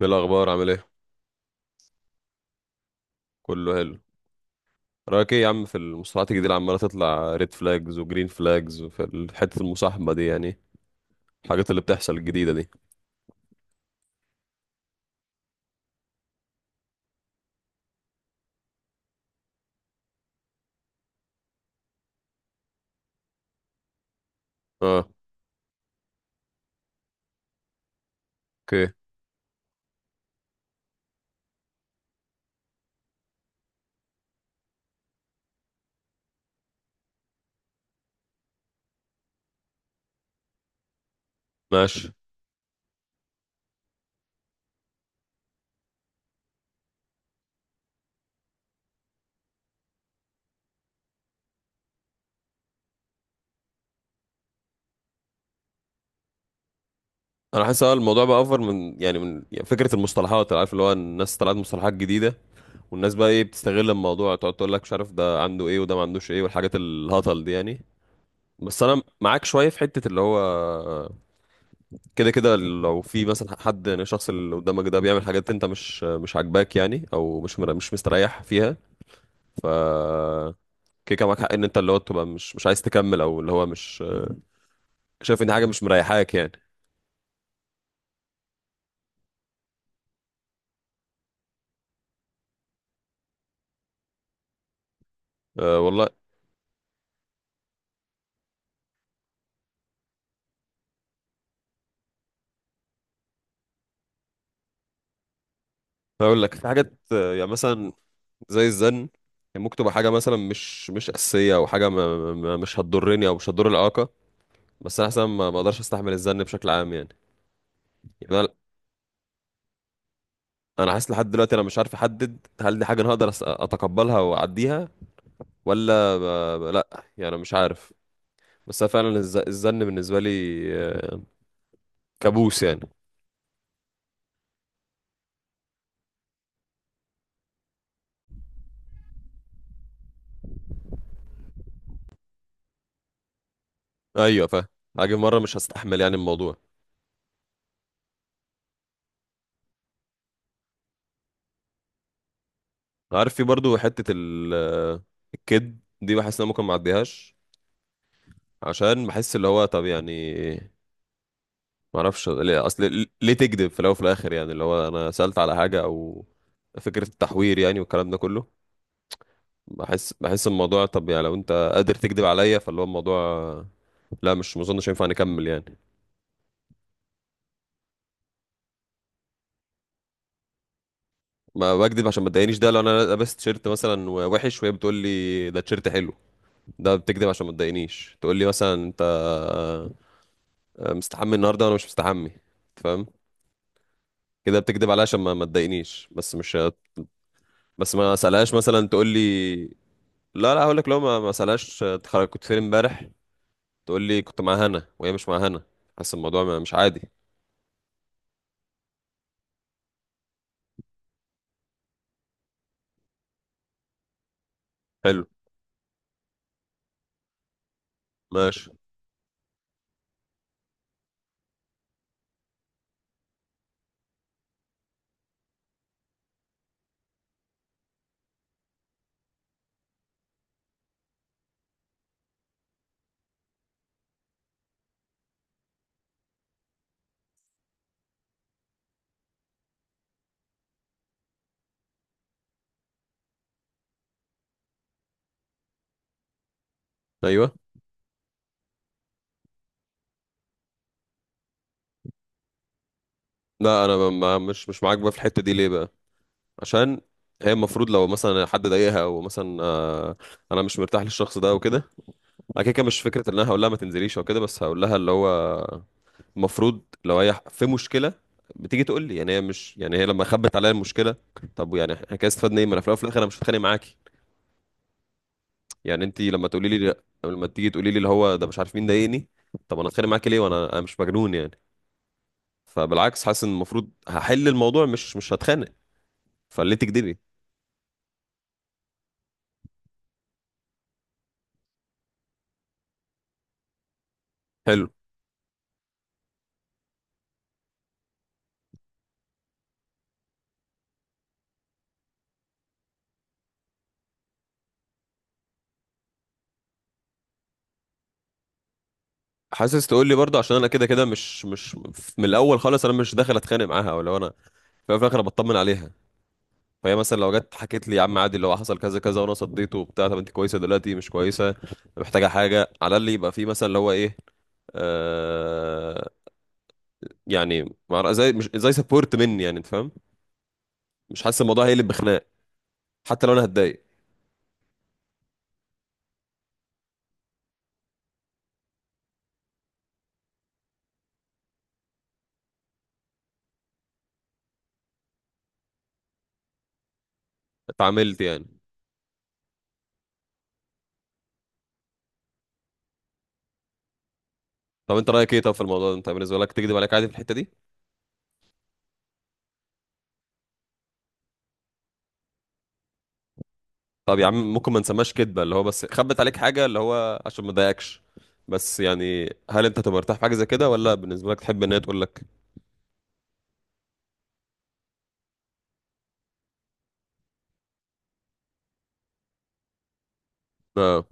ايه الاخبار؟ عامل ايه؟ كله حلو. رايك ايه يا عم في المصطلحات الجديده اللي عماله تطلع ريد فلاجز وجرين فلاجز، وفي حته المصاحبه دي يعني؟ الحاجات اللي بتحصل الجديده دي. اه. اوكي. ماشي. انا حاسس الموضوع بقى اوفر من يعني فكره المصطلحات، عارف، اللي هو الناس طلعت مصطلحات جديده. والناس بقى ايه بتستغل الموضوع، تقعد تقول لك مش عارف ده عنده ايه وده ما عندوش ايه، والحاجات الهطل دي يعني. بس انا معاك شويه في حته اللي هو كده كده، لو في مثلا حد، يعني الشخص اللي قدامك ده بيعمل حاجات انت مش عاجباك، يعني، او مش مستريح فيها. ف كده كده معاك حق ان انت اللي هو تبقى مش عايز تكمل، او اللي هو مش شايف ان حاجه مش مريحاك يعني. أه والله. هقول لك في حاجات، يعني مثلا زي الزن يعني، ممكن تبقى حاجه مثلا مش اساسيه، او حاجه ما ما مش هتضرني او مش هتضر العلاقه. بس انا حاسس ما اقدرش استحمل الزن بشكل عام يعني. يعني انا أنا حاسس لحد دلوقتي انا مش عارف احدد هل دي حاجه انا هقدر اتقبلها واعديها، ولا لا، يعني مش عارف. بس أنا فعلا الزن بالنسبة لي آه، كابوس يعني. ايوه فاهم. هاجي مرة مش هستحمل يعني الموضوع. عارف في برضو حتة ال... آه، الكد دي بحس ان أنا ممكن ما اعديهاش، عشان بحس اللي هو طب يعني ما اعرفش ليه، اصل ليه تكذب في الاول وفي الاخر؟ يعني اللي هو انا سألت على حاجة، او فكرة التحوير يعني والكلام ده كله. بحس الموضوع، طب يعني لو انت قادر تكذب عليا فاللي هو الموضوع لا، مش ما اظنش ينفع نكمل يعني. ما بكدب عشان ما تضايقنيش ده لو انا لابس تيشيرت مثلا وحش وهي بتقول لي ده تيشيرت حلو. ده بتكدب عشان ما تضايقنيش، تقول لي مثلا انت مستحمي النهارده وانا مش مستحمي. فاهم؟ كده بتكدب عليا عشان ما تضايقنيش، بس مش. بس ما اسالهاش مثلا تقول لي، لا لا، هقول لك لو ما اسالهاش كنت فين امبارح، تقول لي كنت مع هنا وهي مش مع هنا. حاسس الموضوع مش عادي. حلو. ماشي. ايوه. لا انا ب- ما مش معاك بقى في الحته دي ليه بقى؟ عشان هي المفروض لو مثلا حد ضايقها، او مثلا انا مش مرتاح للشخص ده وكده. انا كده كده مش فكره ان انا هقول لها ما تنزليش او كده، بس هقول لها اللي هو المفروض لو هي في مشكله بتيجي تقول لي. يعني هي مش، يعني هي لما خبت عليا المشكله طب يعني احنا كده استفدنا ايه؟ ما انا في الاول وفي الاخر انا مش هتخانق معاكي، يعني انت لما تقولي لي، لما تيجي تقولي لي اللي هو ده مش عارف مين ضايقني، طب انا اتخانق معاكي ليه؟ وانا مش مجنون يعني. فبالعكس حاسس ان المفروض هحل الموضوع، مش هتخانق. فليه تكدبي؟ حلو. حاسس تقول لي، برضه عشان انا كده كده مش من الاول خالص انا مش داخل اتخانق معاها، او لو انا في الأول وفي الاخر أنا بطمن عليها. فهي مثلا لو جت حكيت لي، يا عم عادي اللي هو حصل كذا كذا وانا صديته وبتاع، طب انت كويسه دلوقتي؟ مش كويسه؟ محتاجه حاجه على اللي يبقى في مثلا اللي هو ايه؟ آه، يعني زي، مش زي سبورت مني، يعني انت فاهم. مش حاسس الموضوع هيقلب بخناق، حتى لو انا هتضايق اتعاملت يعني. طب انت رايك ايه طب في الموضوع ده؟ انت بالنسبه لك تكذب عليك عادي في الحته دي؟ طب يا عم، ممكن ما نسماش كدبه، اللي هو بس خبت عليك حاجه اللي هو عشان ما تضايقكش. بس يعني هل انت تبقى مرتاح في حاجه زي كده، ولا بالنسبه لك تحب ان هي تقول لك؟ اه.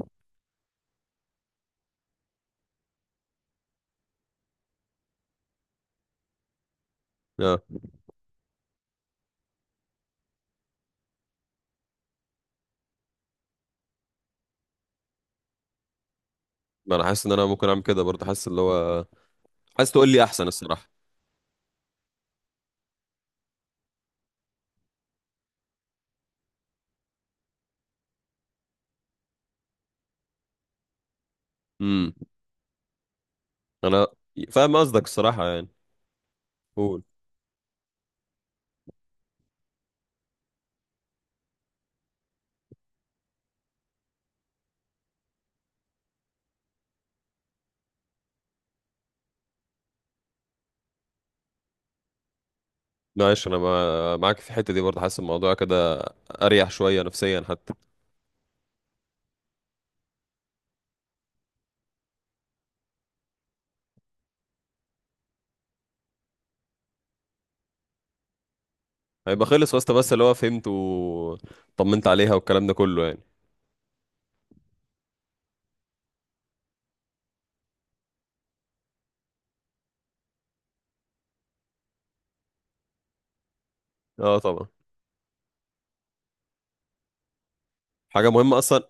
اه. ما انا حاسس ان انا ممكن اعمل كده برضه، حاسس اللي هو حاسس تقول لي احسن، الصراحه. امم. انا فاهم قصدك، الصراحه يعني. قول. معلش، انا معاك في الحته دي برضه، حاسس الموضوع كده اريح شويه نفسيا حتى. هيبقى خلص واسطه، بس اللي هو فهمت وطمنت عليها والكلام ده كله يعني. اه طبعا. حاجه مهمه اصلا.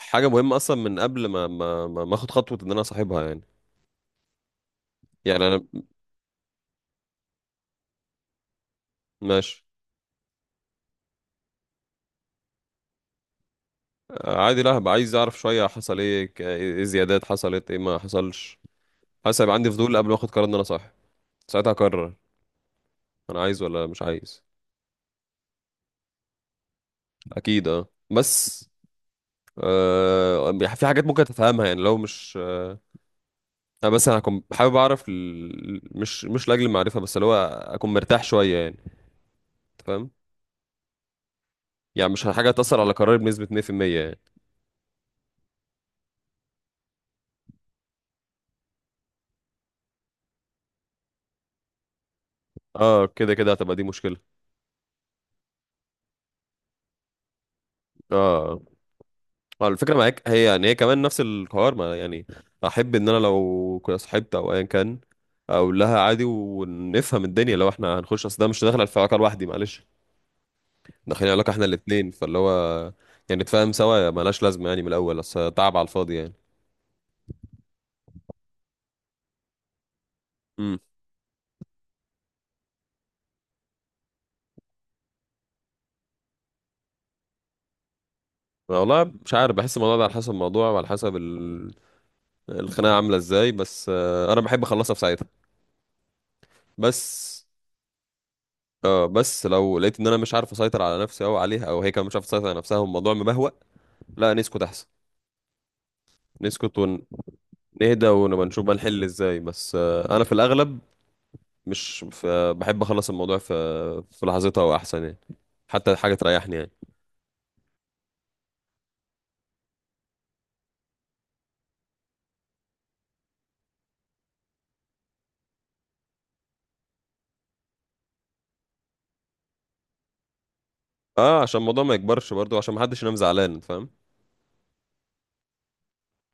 حاجة مهمة أصلا من قبل ما آخد خطوة إن أنا أصاحبها يعني. يعني أنا. ماشي. عادي، لا هبقى عايز أعرف شوية، حصل إيه، إيه زيادات حصلت، إيه ما حصلش. حاسس هيبقى عندي فضول قبل ما آخد قرار إن أنا صاحب، ساعتها أقرر أنا عايز ولا مش عايز. أكيد أه، بس آه في حاجات ممكن تفهمها يعني، لو مش بس أنا هكون حابب أعرف مش لأجل المعرفة، بس اللي هو أكون مرتاح شوية يعني. أنت فاهم؟ يعني مش حاجة تأثر على قراري بنسبة 100% يعني. اه كده كده هتبقى دي مشكلة. اه. آه. ما الفكرة معاك هي كمان نفس الحوار ما يعني، أحب إن أنا لو كنا صاحبت أو أيا كان أقول لها عادي ونفهم الدنيا لو إحنا هنخش، أصل ده مش داخل في علاقة لوحدي، معلش، داخلين علاقة إحنا الاتنين، فاللي هو يعني نتفاهم سوا، ملهاش لازمة يعني من الأول أصل تعب على الفاضي يعني. امم. والله مش عارف، بحس الموضوع ده على حسب الموضوع وعلى حسب الخناقة عاملة إزاي، بس أنا بحب أخلصها في ساعتها. بس اه بس لو لقيت ان انا مش عارف اسيطر على نفسي او عليها، او هي كمان مش عارفه تسيطر على نفسها والموضوع مبهوأ، لا نسكت احسن. نسكت ونهدى ونبقى نشوف بقى نحل ازاي، بس انا في الاغلب مش بحب اخلص الموضوع في لحظتها واحسن يعني، حتى حاجه تريحني يعني. اه عشان الموضوع ما يكبرش برضو عشان ما حدش ينام زعلان. فاهم؟